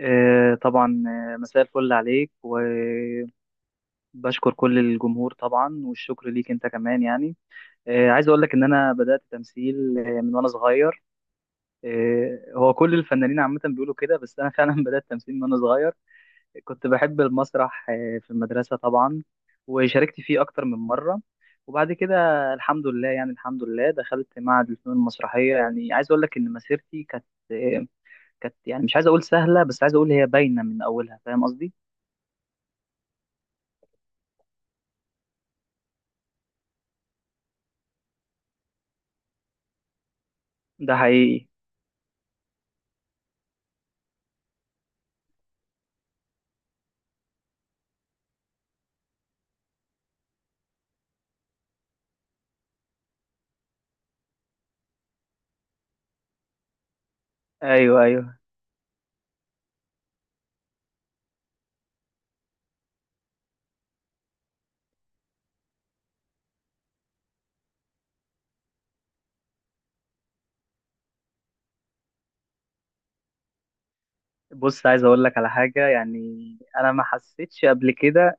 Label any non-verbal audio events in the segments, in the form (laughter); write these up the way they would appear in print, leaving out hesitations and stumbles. طبعا. مساء الفل عليك، وبشكر كل الجمهور طبعا، والشكر ليك انت كمان. يعني عايز اقول لك ان انا بدأت تمثيل من وانا صغير. هو كل الفنانين عامة بيقولوا كده، بس انا فعلا (laughs) بدأت تمثيل من وانا صغير. كنت بحب المسرح في المدرسة طبعا، وشاركت فيه اكتر من مرة. وبعد كده الحمد لله، يعني الحمد لله دخلت معهد الفنون المسرحية. يعني عايز اقول لك ان مسيرتي كانت، آه، كانت يعني مش عايز اقول سهلة، بس عايز اقول هي باينة من اولها، فاهم قصدي. ده حقيقي. ايوه ايوه. بص، عايز اقول لك على حاجه. يعني انا ما حسيتش قبل كده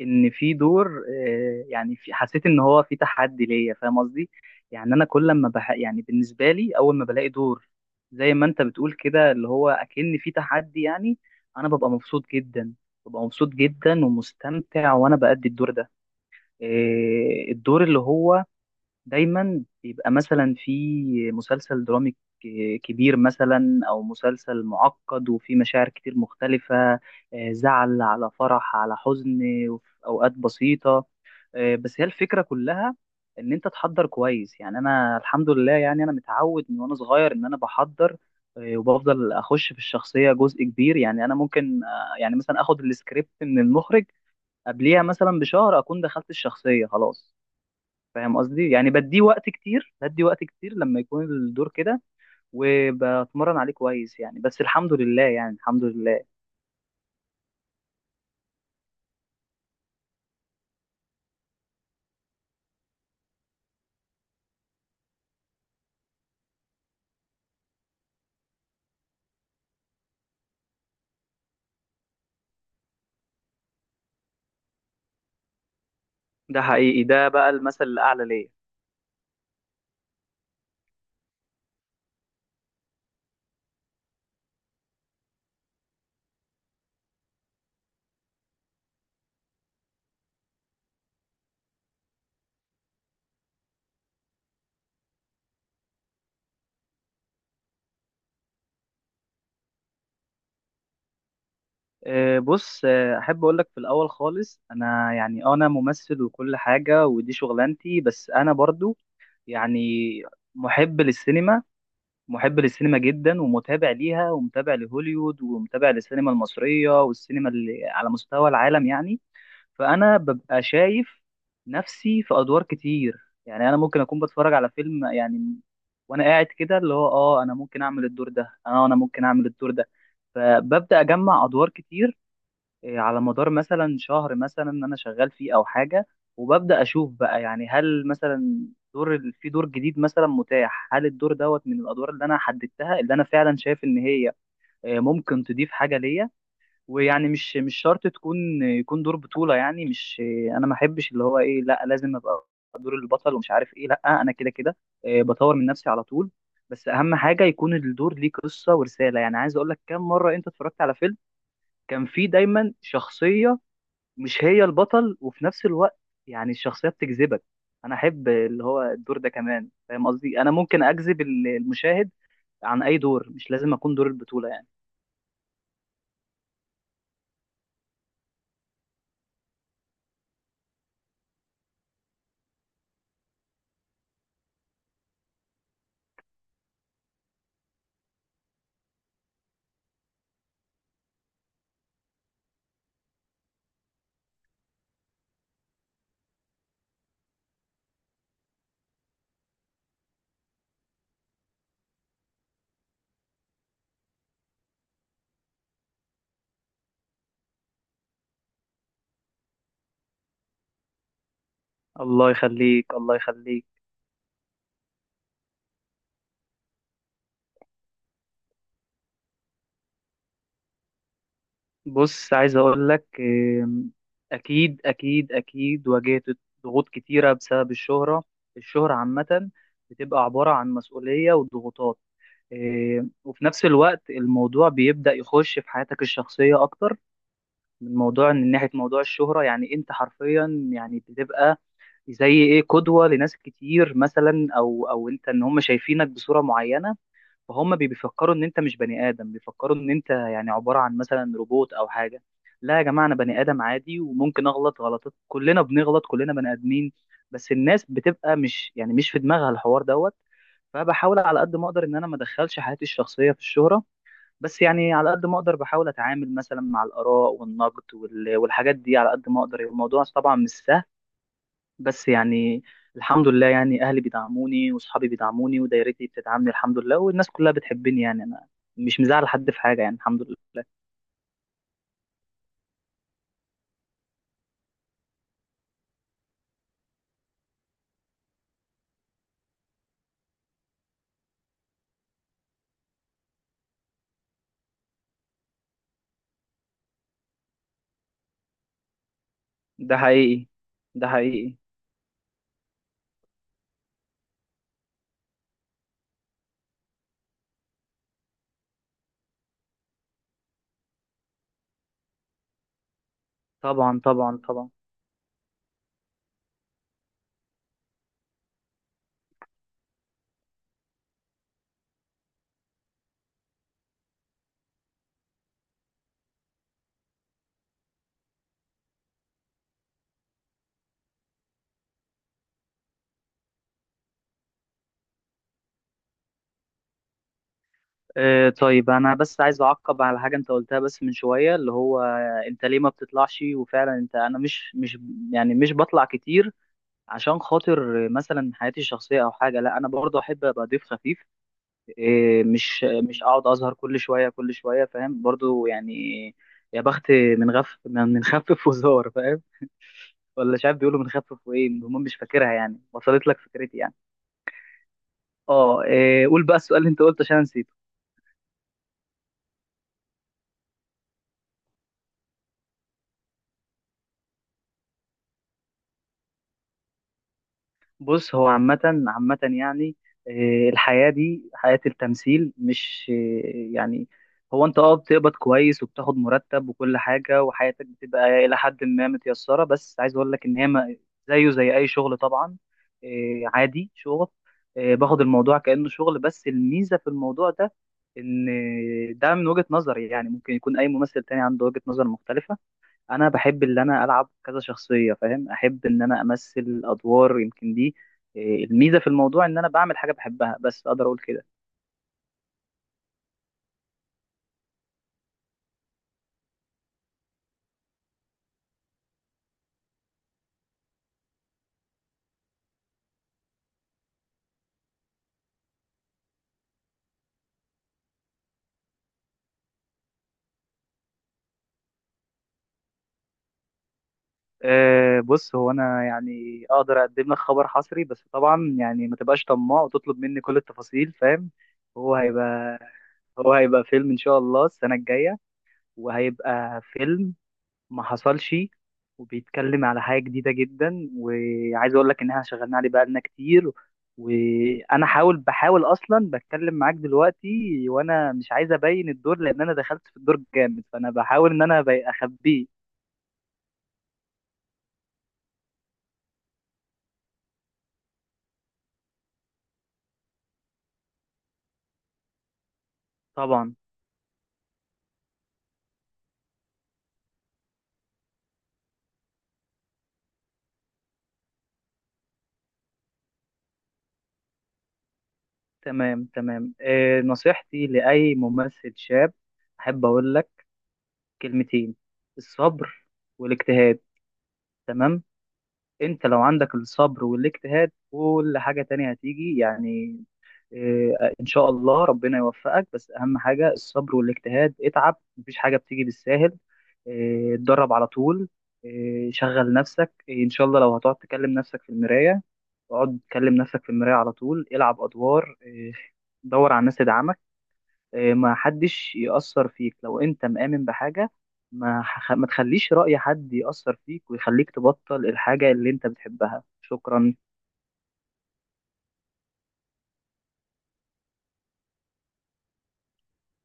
ان في دور يعني حسيت ان هو في تحدي ليا، فاهم قصدي. يعني انا كل ما بح، يعني بالنسبه لي اول ما بلاقي دور زي ما انت بتقول كده، اللي هو اكن في تحدي، يعني انا ببقى مبسوط جدا. ببقى مبسوط جدا ومستمتع وانا بأدي الدور ده. الدور اللي هو دايما بيبقى مثلا في مسلسل درامي كبير مثلا، او مسلسل معقد وفي مشاعر كتير مختلفة، زعل على فرح على حزن، وفي اوقات بسيطة. بس هي الفكرة كلها ان انت تحضر كويس. يعني انا الحمد لله، يعني انا متعود من وانا صغير ان انا بحضر، وبفضل اخش في الشخصية جزء كبير. يعني انا ممكن يعني مثلا اخد السكريبت من المخرج، قبليها مثلا بشهر اكون دخلت الشخصية خلاص، فاهم قصدي. يعني بديه وقت كتير، بدي وقت كتير لما يكون الدور كده وبتمرن عليه كويس. يعني بس الحمد لله، يعني الحمد لله. ده حقيقي، ده بقى المثل الأعلى ليا. بص، أحب أقول لك في الأول خالص، أنا يعني أنا ممثل وكل حاجة، ودي شغلانتي. بس أنا برضو يعني محب للسينما. محب للسينما جدا، ومتابع ليها، ومتابع لهوليوود، ومتابع للسينما المصرية والسينما اللي على مستوى العالم. يعني فانا ببقى شايف نفسي في ادوار كتير. يعني انا ممكن اكون بتفرج على فيلم، يعني وانا قاعد كده اللي هو اه انا ممكن اعمل الدور ده، اه انا ممكن اعمل الدور ده. فببدا اجمع ادوار كتير على مدار مثلا شهر مثلا ان انا شغال فيه او حاجه. وببدا اشوف بقى، يعني هل مثلا دور جديد مثلا متاح، هل الدور دوت من الادوار اللي انا حددتها، اللي انا فعلا شايف ان هي ممكن تضيف حاجه ليا. ويعني مش شرط يكون دور بطولة، يعني مش انا ما احبش اللي هو ايه لا لازم ابقى دور البطل ومش عارف ايه. لا، انا كده كده بطور من نفسي على طول. بس اهم حاجة يكون الدور ليه قصة ورسالة. يعني عايز اقول لك، كم مرة انت اتفرجت على فيلم كان فيه دايما شخصية مش هي البطل، وفي نفس الوقت يعني الشخصية بتجذبك؟ انا احب اللي هو الدور ده كمان، فاهم قصدي. انا ممكن اجذب المشاهد عن اي دور، مش لازم اكون دور البطولة يعني. الله يخليك، الله يخليك. بص، عايز اقول لك، اكيد اكيد اكيد واجهت ضغوط كتيره بسبب الشهره. الشهره عامه بتبقى عباره عن مسؤوليه وضغوطات. وفي نفس الوقت الموضوع بيبدا يخش في حياتك الشخصيه اكتر، من موضوع ناحيه موضوع الشهره. يعني انت حرفيا يعني بتبقى زي ايه قدوه لناس كتير مثلا، او انت ان هم شايفينك بصوره معينه. فهم بيفكروا ان انت مش بني ادم، بيفكروا ان انت يعني عباره عن مثلا روبوت او حاجه. لا يا جماعه، انا بني ادم عادي وممكن اغلط غلطات، كلنا بنغلط، كلنا بني ادمين. بس الناس بتبقى مش، يعني مش في دماغها الحوار دوت. فبحاول على قد ما اقدر ان انا ما ادخلش حياتي الشخصيه في الشهره. بس يعني على قد ما اقدر بحاول اتعامل مثلا مع الاراء والنقد والحاجات دي على قد ما اقدر. الموضوع طبعا مش سهل، بس يعني الحمد لله. يعني أهلي بيدعموني، وأصحابي بيدعموني، ودايرتي بتدعمني، الحمد لله. والناس كلها بتحبني، يعني أنا مش مزعل حد في حاجة يعني، الحمد لله. ده حقيقي. ده حقيقي. طبعا طبعا طبعا. آه طيب، أنا بس عايز أعقب على حاجة أنت قلتها بس من شوية، اللي هو أنت ليه ما بتطلعش. وفعلا أنت أنا مش يعني مش بطلع كتير عشان خاطر مثلا حياتي الشخصية أو حاجة. لا، أنا برضه أحب أبقى ضيف خفيف، مش اقعد اظهر كل شويه كل شويه، فاهم برضو. يعني يا بخت من غف، من خفف وزار، فاهم؟ ولا مش عارف، بيقولوا من خفف وايه، المهم مش فاكرها. يعني وصلت لك فكرتي يعني. اه. قول بقى السؤال اللي انت قلته، عشان أنا نسيت. بص هو عامة. عامة يعني الحياة دي حياة التمثيل مش يعني هو انت اه بتقبض كويس، وبتاخد مرتب وكل حاجة، وحياتك بتبقى إلى حد ما متيسرة. بس عايز أقول لك إن هي زيه زي أي شغل طبعا. عادي شغل، باخد الموضوع كأنه شغل. بس الميزة في الموضوع ده، إن ده من وجهة نظري، يعني ممكن يكون أي ممثل تاني عنده وجهة نظر مختلفة. انا بحب ان انا العب كذا شخصيه، فاهم، احب ان انا امثل ادوار يمكن دي الميزه في الموضوع، ان انا بعمل حاجه بحبها، بس اقدر اقول كده. أه بص، هو انا يعني اقدر اقدم لك خبر حصري، بس طبعا يعني ما تبقاش طماع وتطلب مني كل التفاصيل، فاهم. هو هيبقى هو هيبقى فيلم ان شاء الله السنه الجايه. وهيبقى فيلم ما حصلش، وبيتكلم على حاجة جديدة جدا. وعايز اقول لك ان احنا شغالين عليه بقالنا كتير. وانا بحاول اصلا بتكلم معاك دلوقتي، وانا مش عايز ابين الدور، لان انا دخلت في الدور جامد، فانا بحاول ان انا اخبيه. طبعا. تمام تمام. نصيحتي لاي ممثل شاب، احب اقول لك كلمتين: الصبر والاجتهاد. تمام. انت لو عندك الصبر والاجتهاد، كل حاجة تانية هتيجي يعني. إيه، ان شاء الله ربنا يوفقك. بس اهم حاجه الصبر والاجتهاد، اتعب، مفيش حاجه بتيجي بالساهل. اتدرب على طول، شغل نفسك. ان شاء الله لو هتقعد تكلم نفسك في المرايه، اقعد تكلم نفسك في المرايه على طول، العب ادوار. دور على الناس تدعمك. ما حدش يأثر فيك لو انت مآمن بحاجه، ما تخليش رأي حد يأثر فيك ويخليك تبطل الحاجه اللي انت بتحبها. شكرا.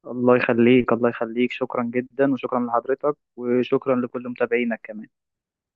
الله يخليك، الله يخليك، شكرا جدا، وشكرا لحضرتك، وشكرا لكل متابعينك كمان.